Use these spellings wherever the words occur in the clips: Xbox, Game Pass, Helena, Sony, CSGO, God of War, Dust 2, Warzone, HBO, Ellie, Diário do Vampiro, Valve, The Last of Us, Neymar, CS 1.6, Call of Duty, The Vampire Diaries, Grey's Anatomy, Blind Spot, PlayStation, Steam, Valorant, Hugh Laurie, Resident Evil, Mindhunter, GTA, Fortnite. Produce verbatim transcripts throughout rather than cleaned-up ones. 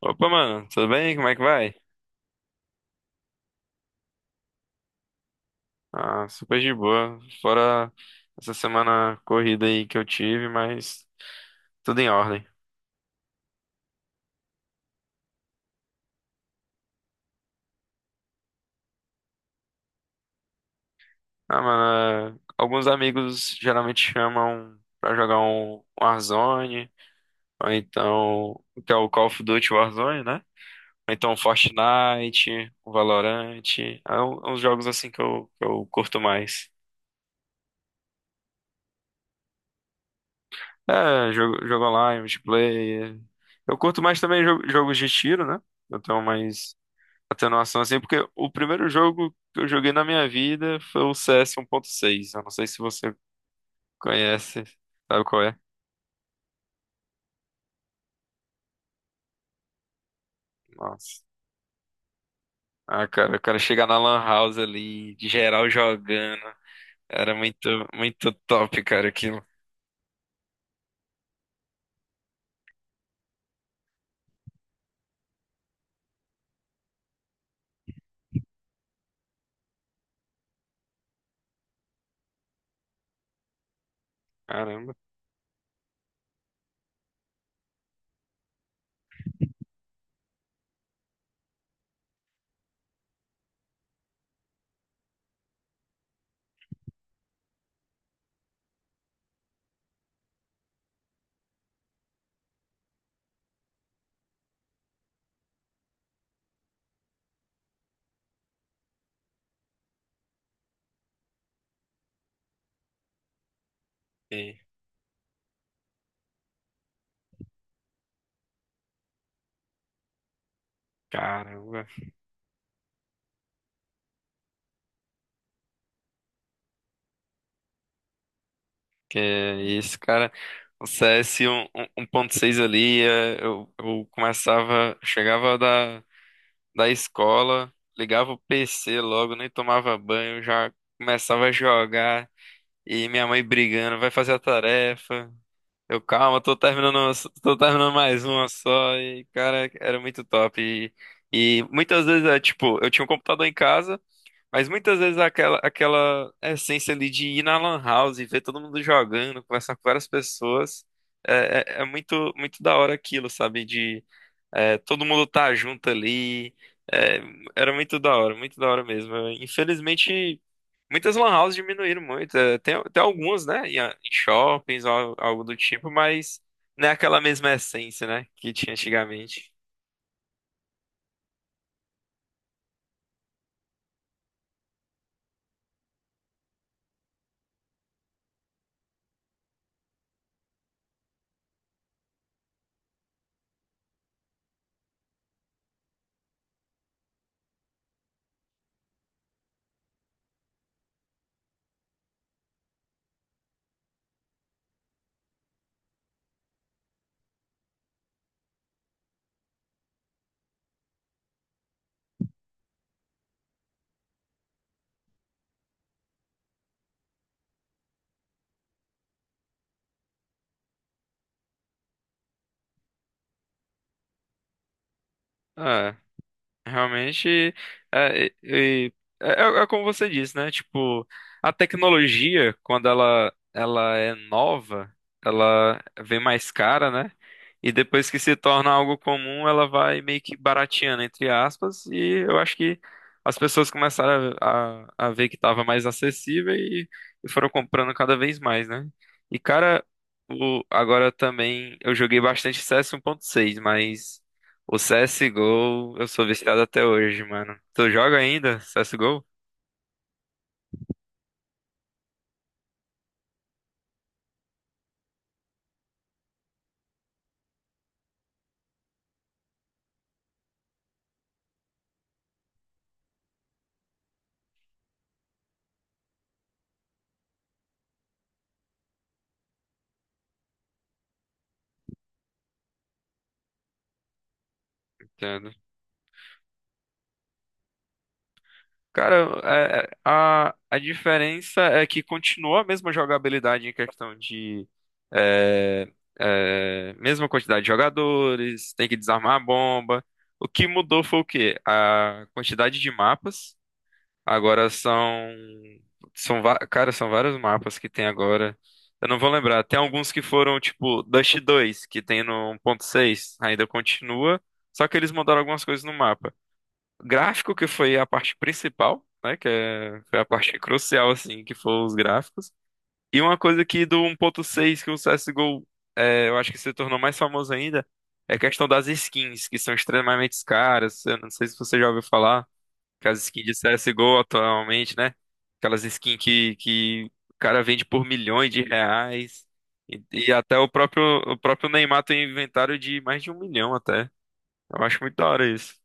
Opa, mano, tudo bem? Como é que vai? Ah, super de boa. Fora essa semana corrida aí que eu tive, mas tudo em ordem. Ah, mano, é, alguns amigos geralmente chamam pra jogar um Warzone, ou então, que é o Call of Duty Warzone, né? Ou então um Fortnite, o Valorant, é um- uns jogos assim que eu, que eu curto mais. É, jogo, jogo online, multiplayer. Eu curto mais também jo- jogos de tiro, né? Eu tenho mais atenuação assim, porque o primeiro jogo que eu joguei na minha vida foi o C S um ponto seis. Eu não sei se você conhece, sabe qual é? Nossa. Ah, cara, o cara chegar na Lan House ali, de geral jogando. Era muito, muito top, cara, aquilo. Caramba. E, caramba. Que é isso, cara. O C S um ponto seis ali, eh, eu, eu começava, chegava da da escola, ligava o P C logo, nem tomava banho, já começava a jogar. E minha mãe brigando, vai fazer a tarefa. Eu, calma, tô terminando, tô terminando mais uma só. E, cara, era muito top. E, e muitas vezes é tipo, eu tinha um computador em casa, mas muitas vezes aquela, aquela essência ali de ir na Lan House e ver todo mundo jogando, conversar com várias pessoas. É, é, é muito, muito da hora aquilo, sabe? É, todo mundo tá junto ali. É, era muito da hora, muito da hora mesmo. Eu, Infelizmente, muitas lan houses diminuíram muito. É, tem, tem algumas, né? Em, em shoppings, al- algo do tipo, mas não é aquela mesma essência, né? Que tinha antigamente. Realmente, é, é, é- é como você disse, né? Tipo, a tecnologia, quando ela, ela é nova, ela vem mais cara, né? E depois que se torna algo comum, ela vai meio que barateando, entre aspas, e eu acho que as pessoas começaram a, a, a ver que estava mais acessível e, e foram comprando cada vez mais, né? E, cara, o, agora também eu joguei bastante C S um ponto seis, mas. O C S G O, eu sou viciado até hoje, mano. Tu joga ainda C S G O? Entendo. Cara, é- é- a, a diferença é que continua a mesma jogabilidade em questão de é, é, mesma quantidade de jogadores, tem que desarmar a bomba. O que mudou foi o quê? A quantidade de mapas. Agora são são va- cara, são vários mapas que tem agora. Eu não vou lembrar. Tem alguns que foram tipo Dust dois, que tem no um ponto seis, ainda continua, só que eles mudaram algumas coisas no mapa. Gráfico que foi a parte principal, né, que é, foi a parte crucial assim, que foram os gráficos. E uma coisa que do um ponto seis que o C S:G O é, eu acho que se tornou mais famoso ainda é a questão das skins, que são extremamente caras. Eu não sei se você já ouviu falar. Aquelas skins de C S G O atualmente, né? Aquelas skins que, que o cara vende por milhões de reais. E, e até o próprio, o próprio Neymar tem inventário de mais de um milhão até. Eu acho muito da hora isso.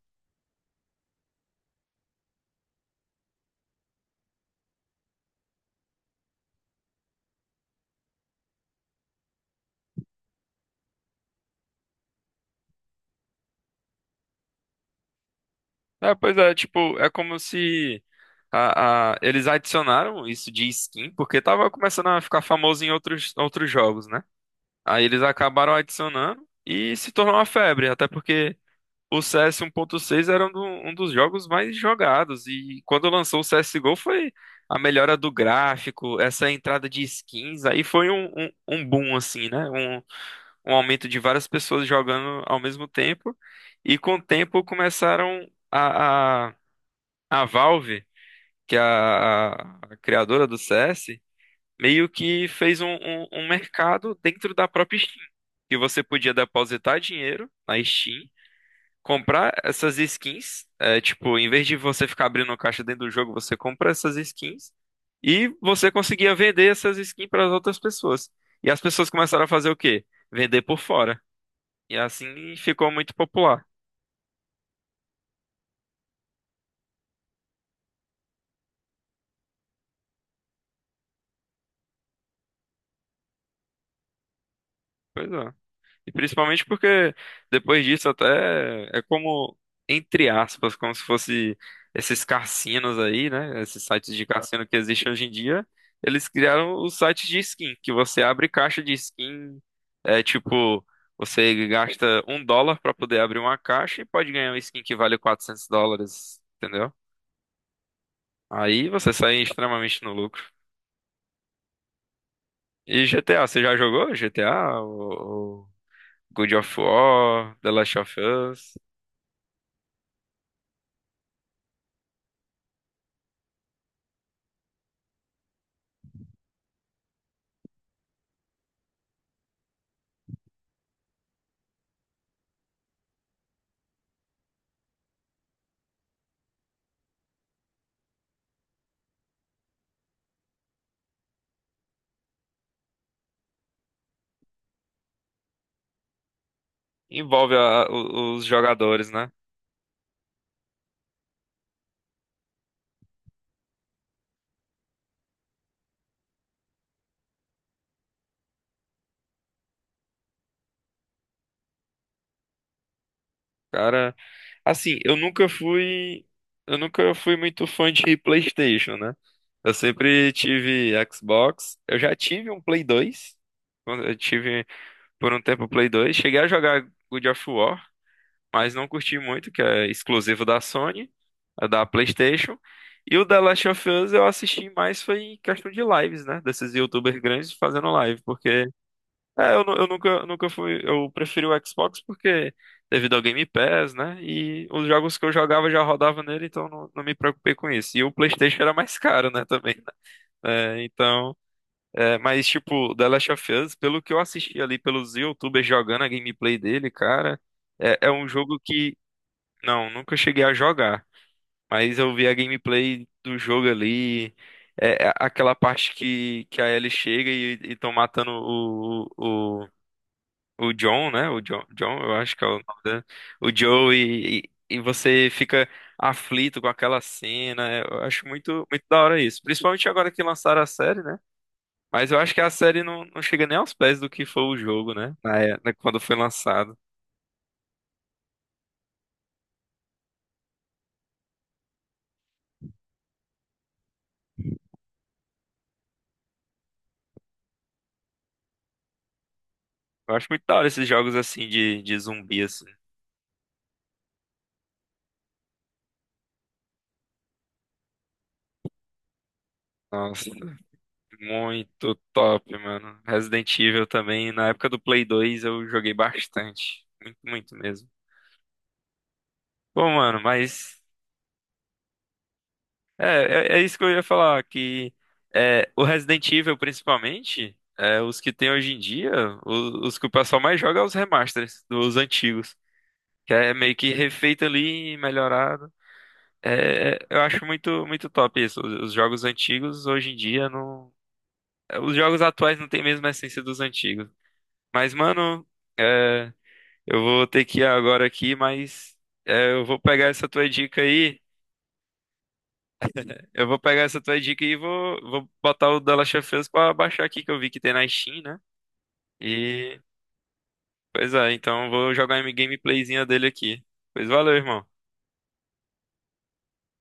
É, pois é, tipo, é como se a, a- eles adicionaram isso de skin, porque tava começando a ficar famoso em outros, outros jogos, né? Aí eles acabaram adicionando e se tornou uma febre, até porque. O C S um ponto seis era um, do- um dos jogos mais jogados, e quando lançou o C S G O foi a melhora do gráfico, essa entrada de skins, aí foi um, um, um boom, assim, né? Um, um aumento de várias pessoas jogando ao mesmo tempo, e com o tempo começaram a, a, a Valve, que é a, a- criadora do C S, meio que fez um, um um mercado dentro da própria Steam, que você podia depositar dinheiro na Steam comprar essas skins. É, tipo, em vez de você ficar abrindo caixa dentro do jogo, você compra essas skins e você conseguia vender essas skins para as outras pessoas. E as pessoas começaram a fazer o quê? Vender por fora. E assim ficou muito popular. Pois é. E principalmente porque depois disso até é como, entre aspas, como se fosse esses cassinos aí, né? Esses sites de cassino que existem hoje em dia. Eles criaram os sites de skin, que você abre caixa de skin, é tipo, você gasta um dólar pra poder abrir uma caixa e pode ganhar uma skin que vale quatrocentos dólares, entendeu? Aí você sai extremamente no lucro. E G T A, você já jogou G T A? O, o God of War, The Last of Us? Envolve a- o- os jogadores, né? Cara, assim, eu nunca fui, eu nunca fui muito fã de PlayStation, né? Eu sempre tive Xbox, eu já tive um Play dois, quando eu tive por um tempo o Play dois, cheguei a jogar God of War, mas não curti muito, que é exclusivo da Sony, é da PlayStation. E o The Last of Us eu assisti mais foi em questão de lives, né? Desses YouTubers grandes fazendo live, porque É, eu, nu- eu nunca, nunca fui. Eu preferi o Xbox porque devido ao Game Pass, né? E os jogos que eu jogava já rodava nele, então não, não me preocupei com isso. E o PlayStation era mais caro, né? Também, né? É, então. É, mas, tipo, The Last of Us, pelo que eu assisti ali pelos YouTubers jogando a gameplay dele, cara, é, é um jogo que. Não, nunca cheguei a jogar. Mas eu vi a gameplay do jogo ali. É, é aquela parte que, que a Ellie chega e estão matando o, o, o John, né? O John, John, eu acho que é o nome dele. O Joe e, e, e você fica aflito com aquela cena. É, Eu acho muito, muito da hora isso. Principalmente agora que lançaram a série, né? Mas eu acho que a série não, não chega nem aos pés do que foi o jogo, né? Na, é- na- quando foi lançado. Eu acho muito da hora esses jogos assim de, de zumbi, assim. Nossa, muito top, mano. Resident Evil também. Na época do Play dois eu joguei bastante. Muito, muito mesmo. Bom, mano, mas. É, é, é isso que eu ia falar, que é, o Resident Evil, principalmente, é, os que tem hoje em dia, o- os, que o pessoal mais joga é os remasters dos antigos, que é meio que refeito ali, melhorado. É, é, eu acho muito, muito top isso. Os, os jogos antigos, hoje em dia, não... é, Os jogos atuais não têm mesmo a essência dos antigos. Mas, mano, é, eu vou ter que ir agora aqui, mas é, eu vou pegar essa tua dica aí. Eu vou pegar essa tua dica e vou, vou botar o The Last of Us pra baixar aqui, que eu vi que tem na Steam, né? E, pois é, então eu vou jogar uma gameplayzinha dele aqui. Pois valeu, irmão.